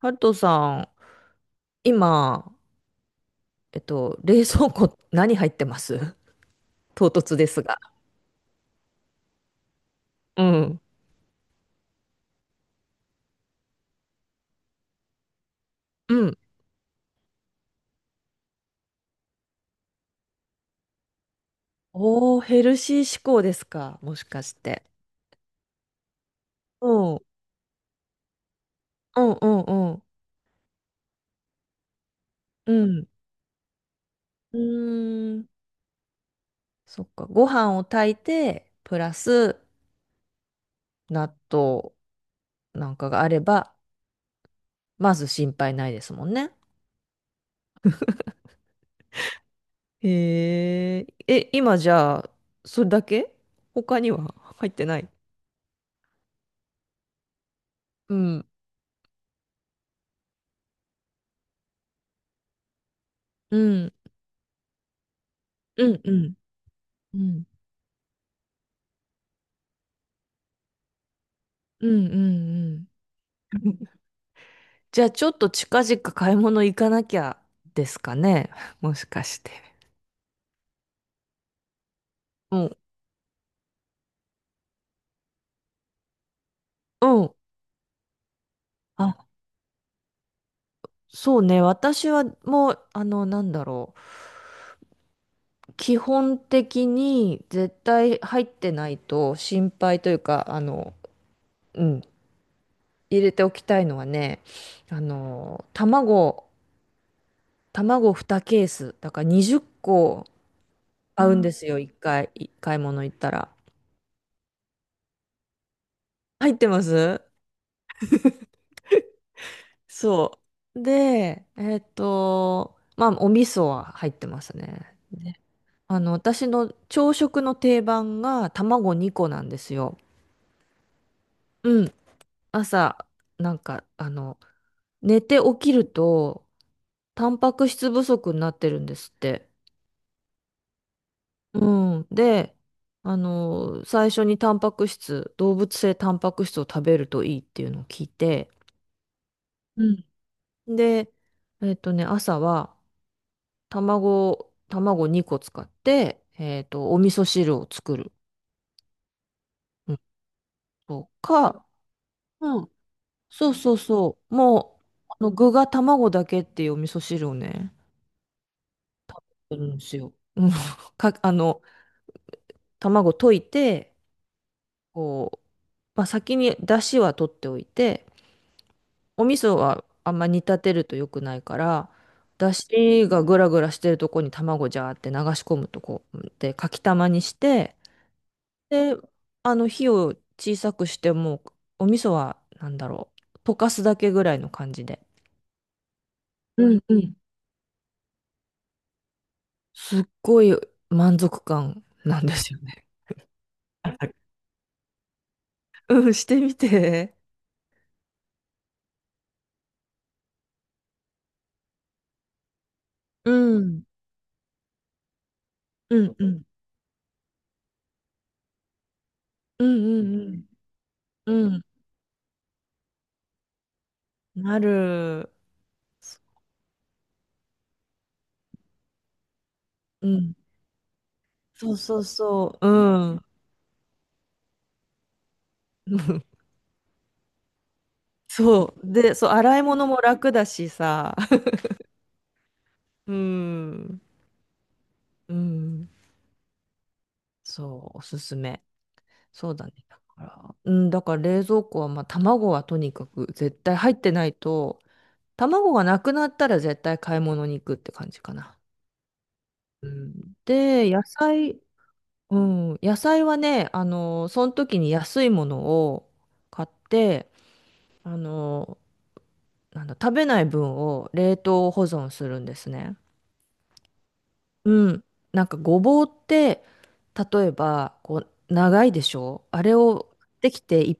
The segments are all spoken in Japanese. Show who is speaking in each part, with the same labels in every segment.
Speaker 1: ハルトさん、今、冷蔵庫何入ってます？ 唐突ですが。うん。うん。おー、ヘルシー志向ですか、もしかして。うん。うんうんうん。うん。うーん。そっか。ご飯を炊いて、プラス納豆なんかがあれば、まず心配ないですもんね。へえ。え、今じゃあ、それだけ、他には入ってない？うん。うん。うんうん。うんうんうんうん。じゃあちょっと近々買い物行かなきゃですかね。もしかして。うん。うん。あ、そうね。私はもう、なんだろう。基本的に絶対入ってないと心配というか、あの、うん、入れておきたいのはね、あの、卵、卵2ケース。だから20個う買うんですよ、1回、い買い物行ったら。入ってますそう。で、まあ、お味噌は入ってますね。ね、あの、私の朝食の定番が卵2個なんですよ。うん。朝、なんか、あの、寝て起きると、タンパク質不足になってるんですって。うん。で、あの、最初にタンパク質、動物性タンパク質を食べるといいっていうのを聞いて、うん、で、えっとね、朝は、卵、卵2個使って、お味噌汁を作る。うん、とか、うん。そうそうそう、もう、あの具が卵だけっていうお味噌汁をね、するんですよ。うんか、あの、卵溶いて、こう、まあ、先に出汁は取っておいて、お味噌はあんま煮立てると良くないから、出汁がグラグラしてるとこに卵ジャーって流し込むとこでかきたまにして、で、あの火を小さくしてもお味噌はなんだろう溶かすだけぐらいの感じで、うんうん。すっごい満足感なんですよね。うん、してみて。うん。うんうん。うんうんうん。うん。なる。うん。そうそうそう。うん。そう。で、そう、洗い物も楽だしさ。うん。うん。そう、おすすめ。そうだね。だから、うん、だから冷蔵庫は、まあ、卵はとにかく絶対入ってないと、卵がなくなったら絶対買い物に行くって感じかな。うん、で、野菜、うん、野菜はね、あの、その時に安いものを買って、あの、なんだ、食べない分を冷凍保存するんですね。うん。なんかごぼうって、例えば、こう、長いでしょあれを買ってきてい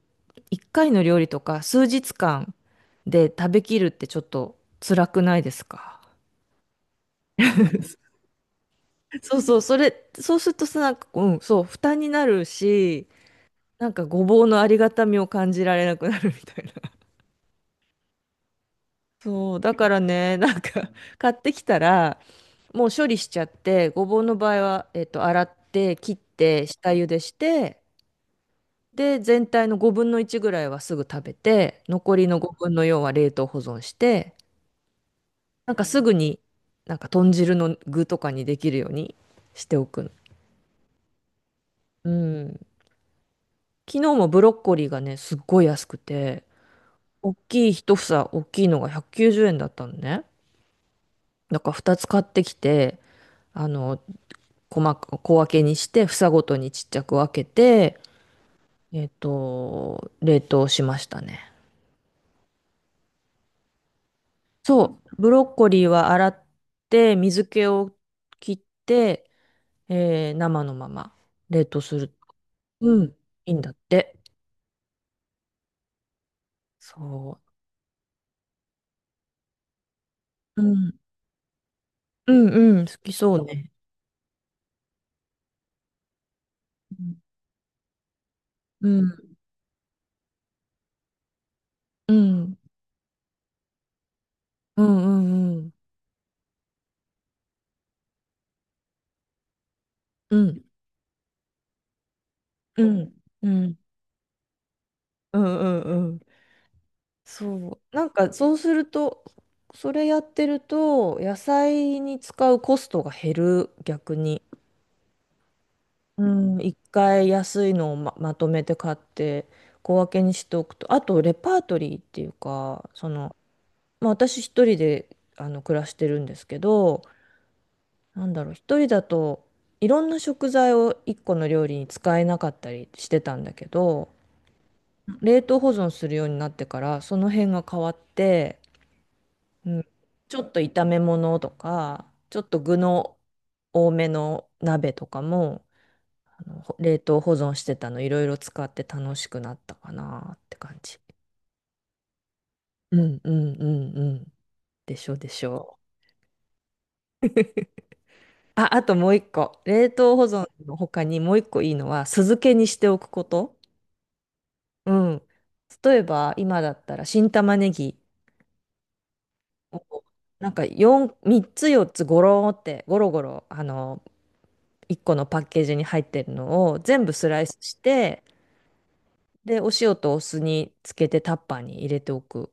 Speaker 1: 一回の料理とか数日間で食べきるってちょっと辛くないですか？そうそう、それ、そうするとさ、なんか、うん、そう、負担になるし、なんかごぼうのありがたみを感じられなくなるみたいな。そう、だからね、なんか、買ってきたら、もう処理しちゃって、ごぼうの場合は、洗って、切って、下茹でして、で、全体の5分の1ぐらいはすぐ食べて、残りの5分の4は冷凍保存して、なんかすぐに、なんか豚汁の具とかにできるようにしておくの。うん。昨日もブロッコリーがね、すっごい安くて、大きい一房、大きいのが190円だったのね。だから2つ買ってきて、あの、細か、小分けにして、房ごとにちっちゃく分けて、冷凍しましたね。そう、ブロッコリーは洗って水気を切って、生のまま冷凍する。うん、いいんだって。そう。うん、うん、うん、好きそうね。うん、うん、うん、うん、うん、うん、うん、うん、うん、うんうん、そう。なんかそうすると、それやってると、野菜に使うコストが減る、逆に。うん、一回安いのをま、まとめて買って小分けにしておくと、あとレパートリーっていうか、その、まあ、私一人であの暮らしてるんですけど、なんだろう、一人だといろんな食材を一個の料理に使えなかったりしてたんだけど、冷凍保存するようになってからその辺が変わって、うん、ちょっと炒め物とか、ちょっと具の多めの鍋とかも。あのほ冷凍保存してたのいろいろ使って楽しくなったかなって感じ。うんうんうんうん。でしょでしょう。あ、あともう一個。冷凍保存の他にもう一個いいのは酢漬けにしておくこと。うん。例えば今だったら新玉ねぎをなんか4、3つ4つゴローってゴロゴロあの1個のパッケージに入ってるのを全部スライスしてでお塩とお酢につけてタッパーに入れておくん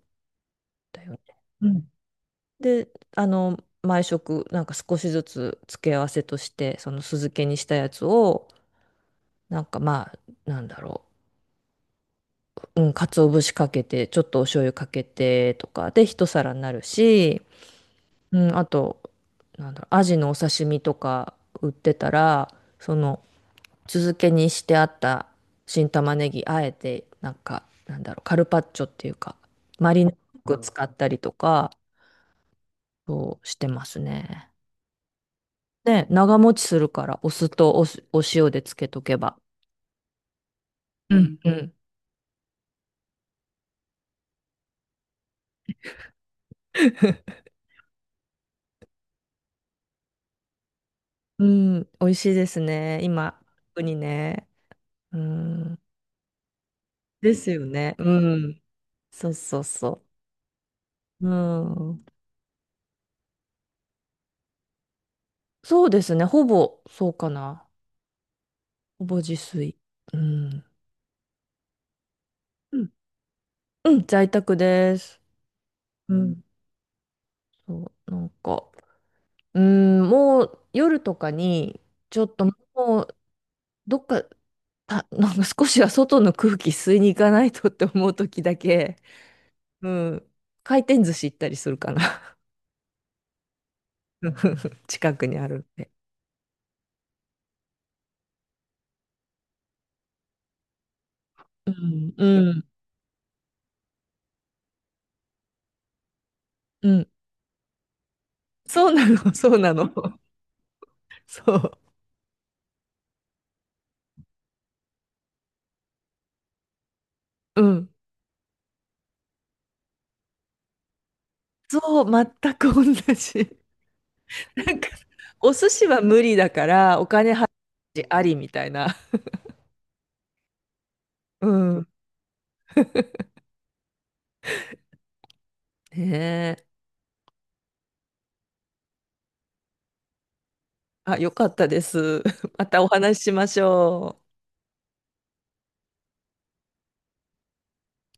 Speaker 1: だよね。うん、で、あの、毎食、なんか少しずつ付け合わせとして、その酢漬けにしたやつを、なんかまあ、なんだろう、うん、鰹節かけて、ちょっとお醤油かけてとかで一皿になるし、うん、あと、なんだろう、アジのお刺身とか売ってたら、その、酢漬けにしてあった新玉ねぎ、あえて、なんか、なんだろう、カルパッチョっていうか、マリネっぽく使ったりとか、そうしてますね。ね、長持ちするから、お酢とお酢、お塩でつけとけば。うん。うん。うん、美味しいですね。今、特にね。うん。ですよね。うん。そうそうそう。うん。そうですね。ほぼ、そうかな。ほぼ自炊。うん。うん。うん、在宅です。うん。そう、なんか、うん、もう夜とかに、ちょっともう、どっか、た、なんか少しは外の空気吸いに行かないとって思う時だけ、うん。回転寿司行ったりするかな。近くにあるんで。うん、うん、うん。そうなの、そうなの。そう。うん。そう、全く同じ。なんか、お寿司は無理だから、お金払うしありみたいな。うん。ねえ。あ、よかったです。またお話ししましょう。